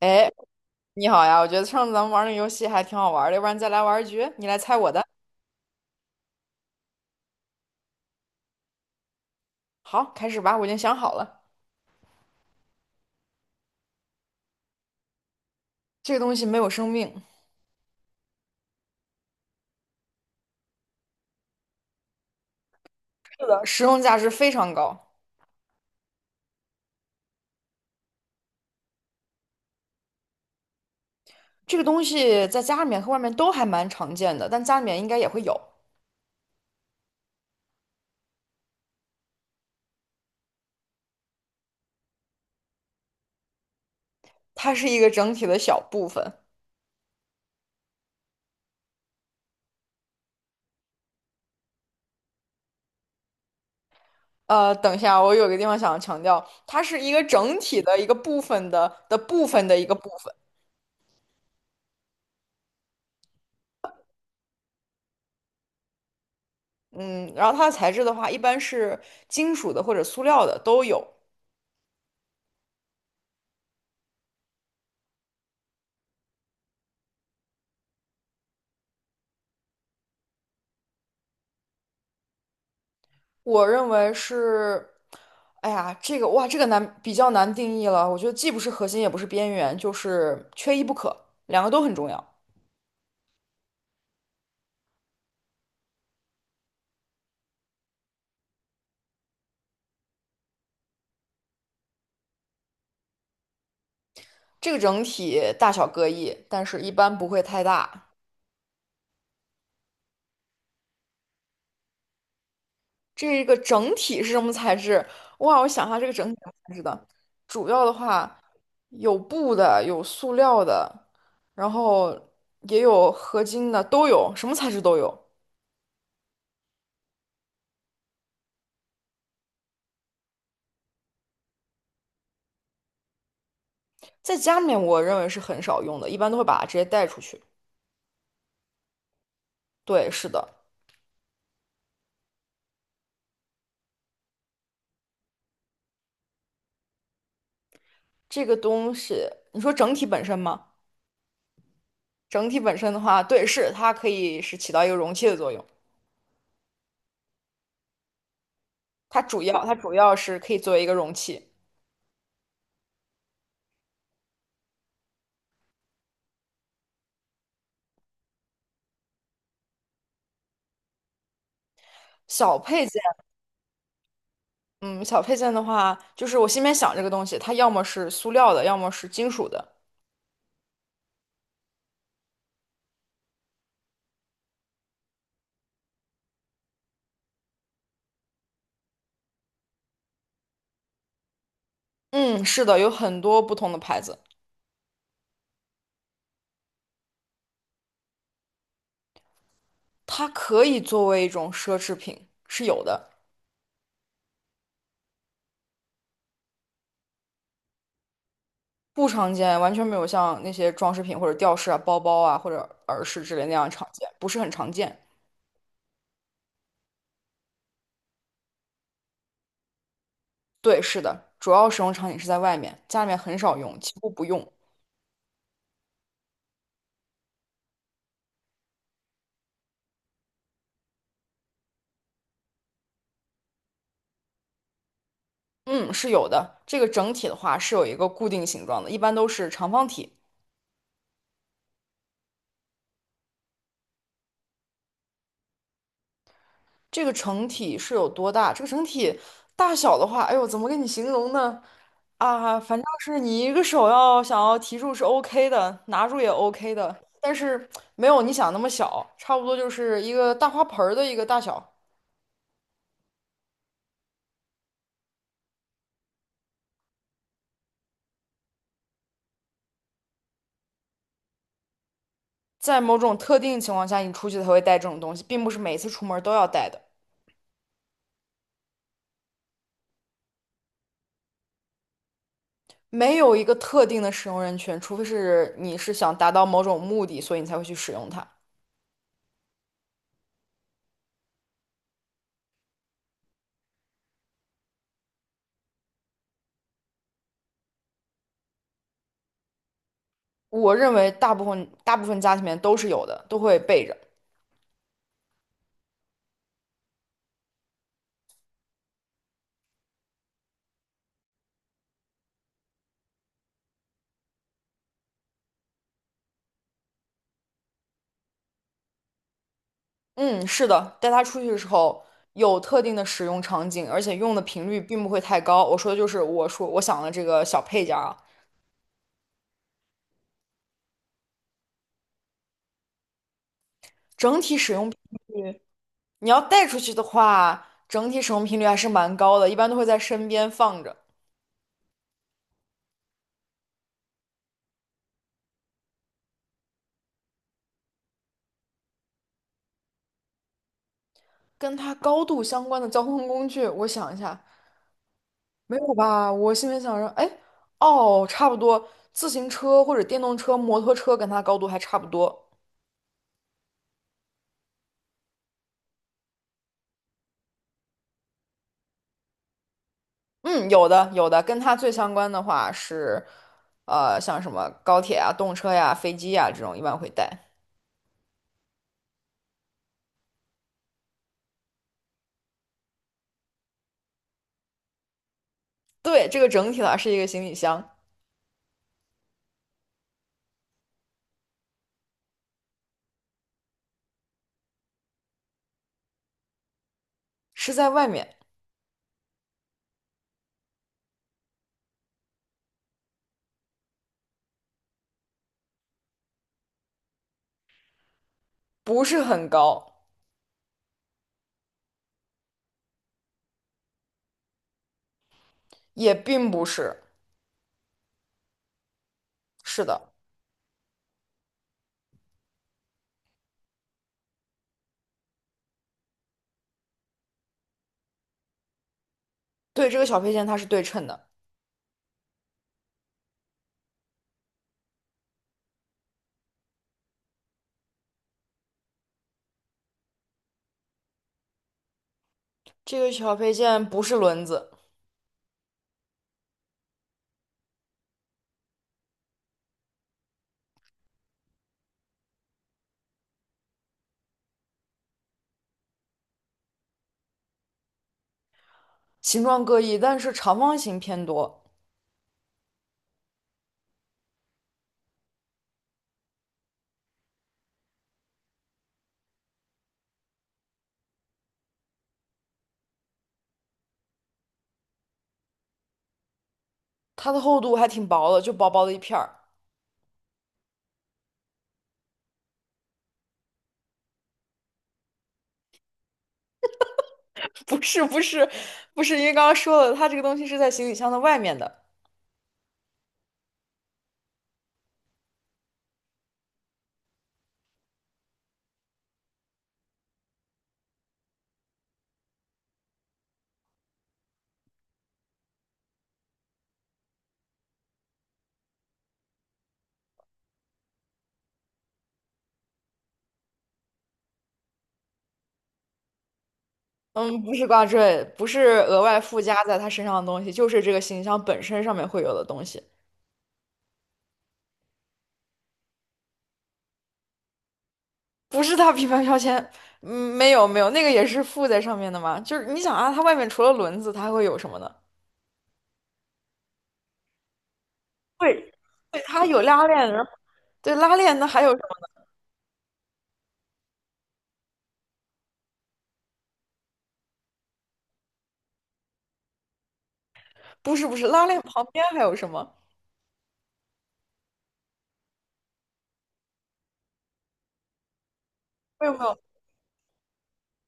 哎，你好呀！我觉得上次咱们玩那个游戏还挺好玩的，要不然再来玩一局，你来猜我的。好，开始吧，我已经想好了，这个东西没有生命，是的，实用价值非常高。这个东西在家里面和外面都还蛮常见的，但家里面应该也会有。它是一个整体的小部分。等一下，我有个地方想要强调，它是一个整体的一个部分的部分的一个部分。嗯，然后它的材质的话，一般是金属的或者塑料的都有。我认为是，哎呀，这个哇，这个难，比较难定义了。我觉得既不是核心，也不是边缘，就是缺一不可，两个都很重要。这个整体大小各异，但是一般不会太大。这个整体是什么材质？哇，我想一下，这个整体什么材质的，主要的话有布的，有塑料的，然后也有合金的，都有，什么材质都有。在家里面，我认为是很少用的，一般都会把它直接带出去。对，是的。这个东西，你说整体本身吗？整体本身的话，对，是它可以是起到一个容器的作用。它主要是可以作为一个容器。小配件，嗯，小配件的话，就是我心里面想这个东西，它要么是塑料的，要么是金属的。嗯，是的，有很多不同的牌子，它可以作为一种奢侈品，是有的，不常见，完全没有像那些装饰品或者吊饰啊、包包啊或者耳饰之类那样常见，不是很常见。对，是的，主要使用场景是在外面，家里面很少用，几乎不用。嗯，是有的。这个整体的话是有一个固定形状的，一般都是长方体。这个整体是有多大？这个整体大小的话，哎呦，怎么跟你形容呢？啊，反正是你一个手要想要提住是 OK 的，拿住也 OK 的，但是没有你想那么小，差不多就是一个大花盆儿的一个大小。在某种特定情况下，你出去才会带这种东西，并不是每次出门都要带的。没有一个特定的使用人群，除非是你是想达到某种目的，所以你才会去使用它。我认为大部分家庭里面都是有的，都会备着。嗯，是的，带它出去的时候有特定的使用场景，而且用的频率并不会太高。我说的就是我说我想的这个小配件儿啊，整体使用频率，你要带出去的话，整体使用频率还是蛮高的，一般都会在身边放着。跟它高度相关的交通工具，我想一下。没有吧？我心里想着，哎，哦，差不多，自行车或者电动车、摩托车跟它高度还差不多。嗯，有的，有的，跟它最相关的话是，像什么高铁啊、动车呀、飞机呀这种，一般会带。对，这个整体呢是一个行李箱，是在外面，不是很高，也并不是。是的，对，这个小配件它是对称的，这个小配件不是轮子，形状各异，但是长方形偏多，它的厚度还挺薄的，就薄薄的一片儿。不是不是不是，因为刚刚说了，它这个东西是在行李箱的外面的。嗯，不是挂坠，不是额外附加在它身上的东西，就是这个行李箱本身上面会有的东西，不是它品牌标签。嗯，没有没有，那个也是附在上面的嘛。就是你想啊，它外面除了轮子，它还会有什么呢？对，对，它有拉链，然后对拉链，那还有什么？不是不是，拉链旁边还有什么？没有没有，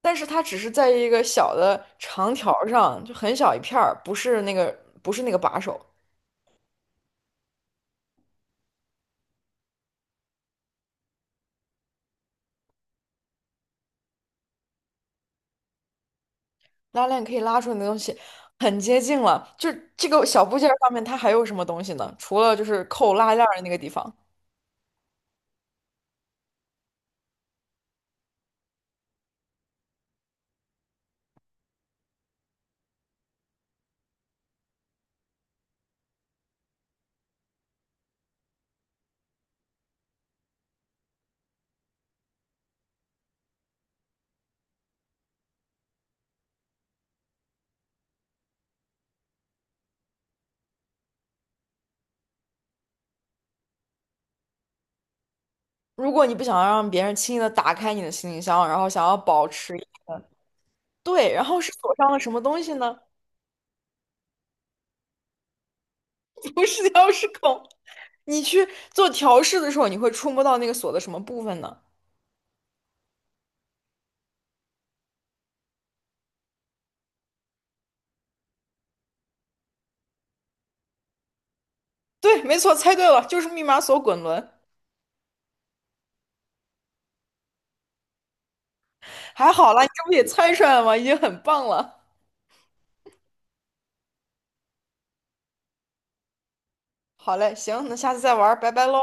但是它只是在一个小的长条儿上，就很小一片儿，不是那个把手。拉链可以拉出来的东西很接近了。就这个小部件儿上面，它还有什么东西呢？除了就是扣拉链儿的那个地方。如果你不想让别人轻易的打开你的行李箱，然后想要保持对，然后是锁上了什么东西呢？不是钥匙孔。你去做调试的时候，你会触摸到那个锁的什么部分呢？对，没错，猜对了，就是密码锁滚轮。还好啦，你这不也猜出来了吗？已经很棒了。好嘞，行，那下次再玩儿，拜拜喽。